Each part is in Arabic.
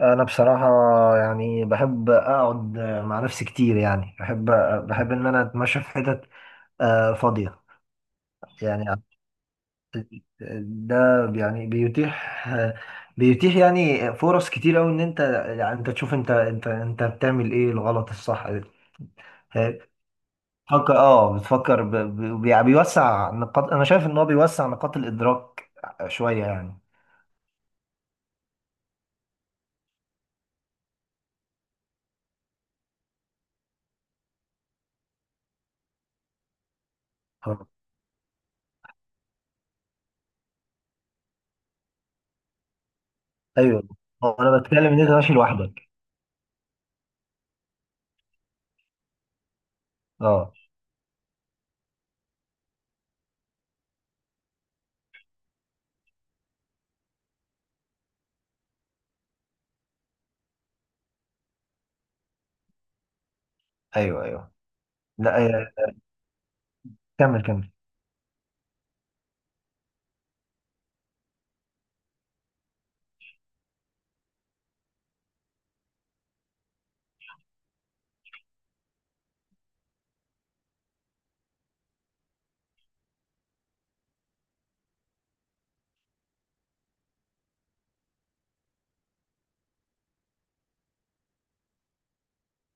انا بصراحه يعني بحب اقعد مع نفسي كتير يعني بحب ان انا اتمشى في حتت فاضيه. يعني ده يعني بيتيح يعني فرص كتير قوي ان انت يعني انت تشوف انت بتعمل ايه الغلط الصح. تفكر، اه بتفكر بيوسع نقاط، انا شايف ان هو بيوسع نقاط الادراك شويه يعني. آه. ايوه، هو انا بتكلم ان انت ماشي لوحدك. اه ايوه ايوه. لا، كمل كمل.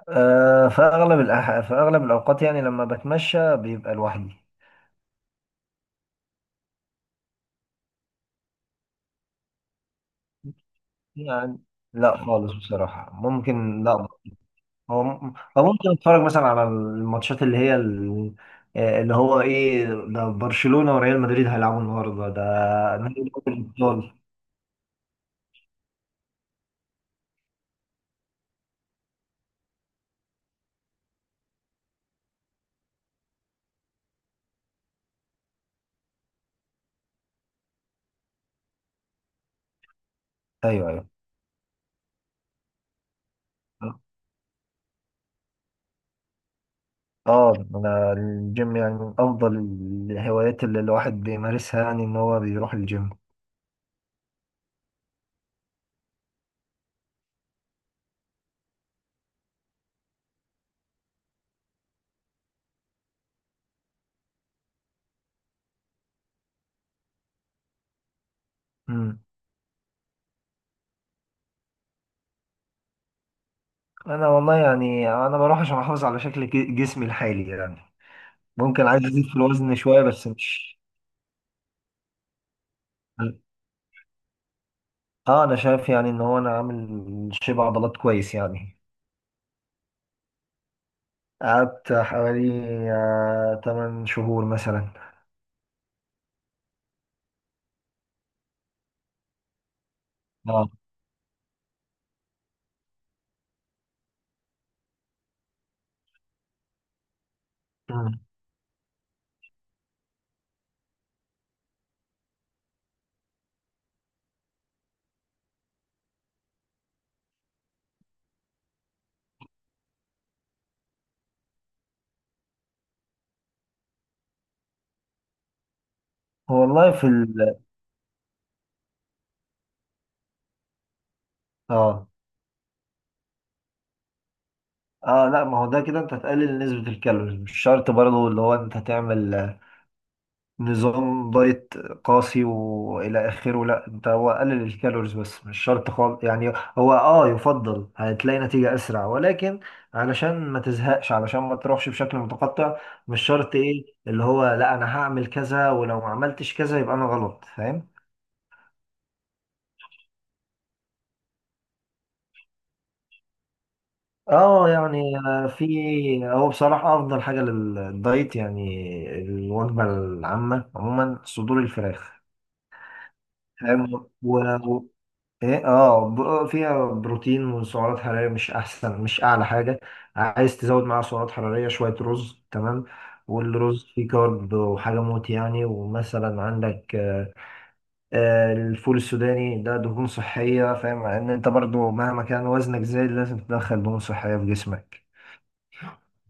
في في أغلب الأوقات يعني لما بتمشى بيبقى لوحدي. يعني لا خالص بصراحة، ممكن لا. هو ممكن أتفرج مثلا على الماتشات اللي هو إيه ده، برشلونة وريال مدريد هيلعبوا النهاردة ده نهائي دوري الأبطال. أيوه أيوه. اه انا الجيم يعني من افضل الهوايات اللي الواحد بيمارسها، يعني ان هو بيروح الجيم. مم. انا والله يعني انا بروح عشان احافظ على شكل جسمي الحالي يعني. ممكن عايز ازيد في الوزن شويه بس مش. اه انا شايف يعني ان هو انا عامل شبه عضلات كويس يعني. قعدت حوالي آه 8 شهور مثلا. اه. مم. والله في ال، اه اه لا، ما هو ده كده انت هتقلل نسبة الكالوريز، مش شرط برضه اللي هو انت تعمل نظام دايت قاسي والى اخره. لا انت هو قلل الكالوريز بس مش شرط خالص يعني. هو اه يفضل هتلاقي نتيجة اسرع ولكن علشان ما تزهقش، علشان ما تروحش بشكل متقطع، مش شرط ايه اللي هو لا انا هعمل كذا ولو ما عملتش كذا يبقى انا غلط، فاهم. اه يعني في، هو بصراحة افضل حاجة للدايت يعني الوجبة العامة عموما صدور الفراخ. فاهم. فيها بروتين وسعرات حرارية، مش احسن، مش اعلى حاجة. عايز تزود معاها سعرات حرارية شوية، رز تمام. والرز فيه كارب وحاجة موت يعني، ومثلا عندك الفول السوداني ده دهون صحية، فاهم، ان انت برضو مهما كان وزنك زايد لازم تدخل دهون صحية في جسمك.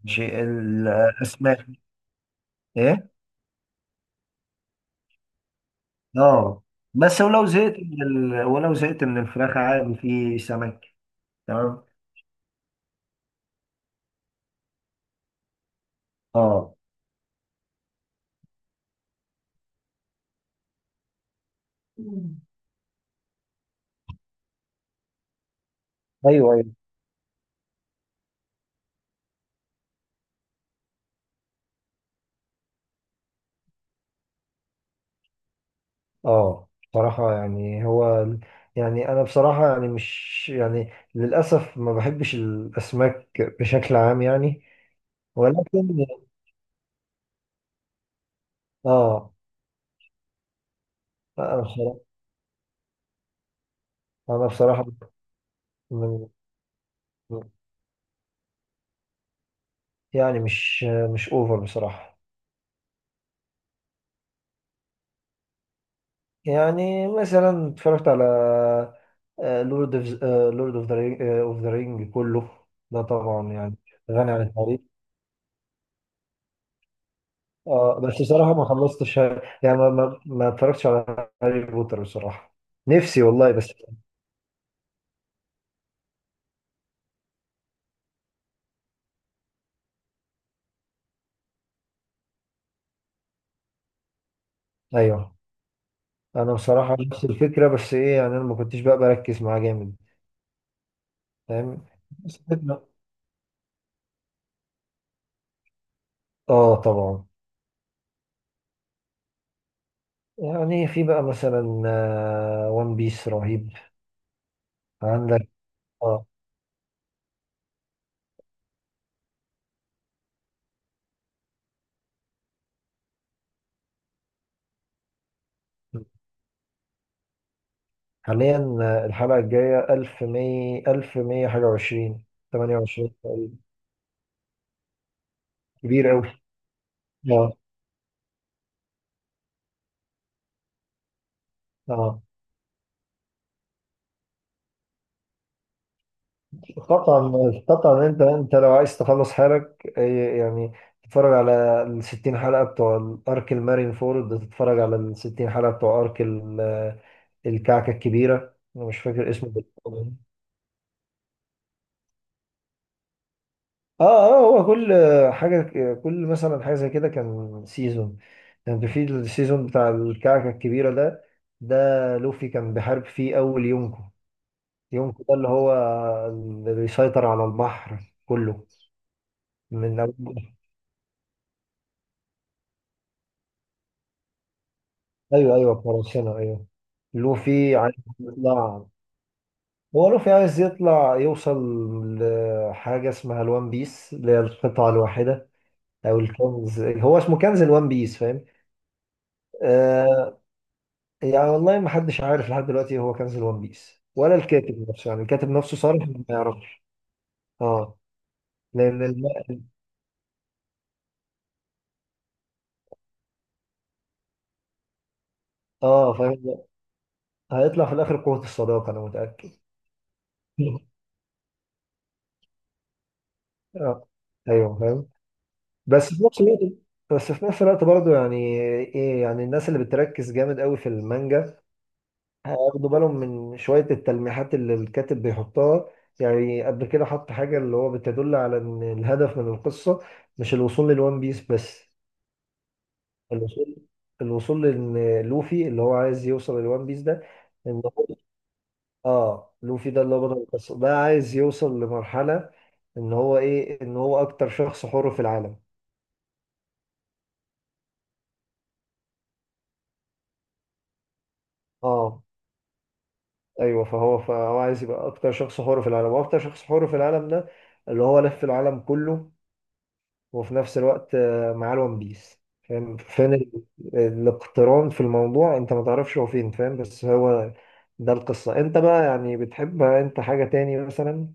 شيء الاسماك. ايه اه. بس ولو زهقت من الفراخ عادي في سمك. تمام. اه ايوه أيوه. اه بصراحة يعني هو، يعني أنا بصراحة يعني مش يعني للأسف ما بحبش الأسماك بشكل عام يعني. ولكن اه. أنا بصراحة أنا بصراحة من- يعني مش أوفر بصراحة. يعني مثلا اتفرجت على لورد اوف لورد اوف ذا رينج كله. ده طبعا يعني غني عن التعريف. اه بس بصراحة ما خلصتش يعني. ما اتفرجتش على هاري بوتر بصراحة. نفسي والله بس. ايوه، انا بصراحة نفس الفكرة بس ايه يعني، انا ما كنتش بقى بركز معاه جامد، فاهم. بس الفكرة. اه طبعا. يعني في بقى مثلا وان بيس رهيب. عندك اه. حاليا الحلقة الجاية 1100، 1100 حاجة وعشرين، 28 تقريبا. كبير أوي. اه اه طبعا طبعا، انت لو عايز تخلص حالك يعني تتفرج على ال 60 حلقه بتوع الارك المارين فورد، تتفرج على ال 60 حلقه بتوع الكعكه الكبيره، انا مش فاكر اسمه بالظبط. اه اه هو كل حاجه، كل مثلا حاجه زي كده كان سيزون. يعني في السيزون بتاع الكعكه الكبيره ده، ده لوفي كان بيحارب فيه اول يونكو. يونكو ده اللي هو اللي بيسيطر على البحر كله. من أول، ايوه ايوه قراصنة ايوه. لوفي عايز يطلع، هو لوفي عايز يطلع يوصل لحاجة اسمها الوان بيس اللي هي القطعة الواحدة، او الكنز، هو اسمه كنز الوان بيس، فاهم. آه، يعني والله ما حدش عارف لحد دلوقتي هو كنز الوان بيس، ولا الكاتب نفسه، يعني الكاتب نفسه صارف ما يعرفش. اه لان الم... اه فاهم. هيطلع في الاخر قوة الصداقة انا متأكد. اه ايوه فاهم. بس في نفس الوقت بس في نفس الوقت برضه يعني ايه، يعني الناس اللي بتركز جامد قوي في المانجا هياخدوا بالهم من شوية التلميحات اللي الكاتب بيحطها. يعني قبل كده حط حاجة اللي هو بتدل على ان الهدف من القصة مش الوصول للوان بيس بس. الوصول الوصول لان لوفي اللي هو عايز يوصل للوان بيس ده، ان هو اه، لوفي ده اللي هو بطل القصة، ده عايز يوصل لمرحلة ان هو ايه، ان هو اكتر شخص حر في العالم. اه ايوه، فهو عايز يبقى اكتر شخص حر في العالم، واكتر شخص حر في العالم ده اللي هو لف العالم كله، وفي نفس الوقت معاه الون بيس، فاهم فين الاقتران في الموضوع. انت ما تعرفش هو فين، فاهم، بس هو ده القصة. انت بقى يعني بتحب انت حاجة تاني مثلا؟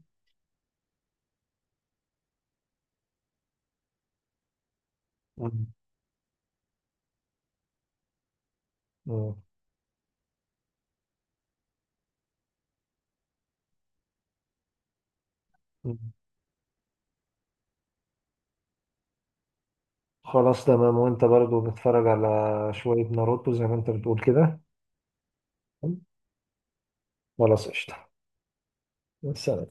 مم. مم. مم. خلاص تمام، وانت برضو بتتفرج على شوية ناروتو زي ما انت بتقول كده. خلاص قشطة. سلام.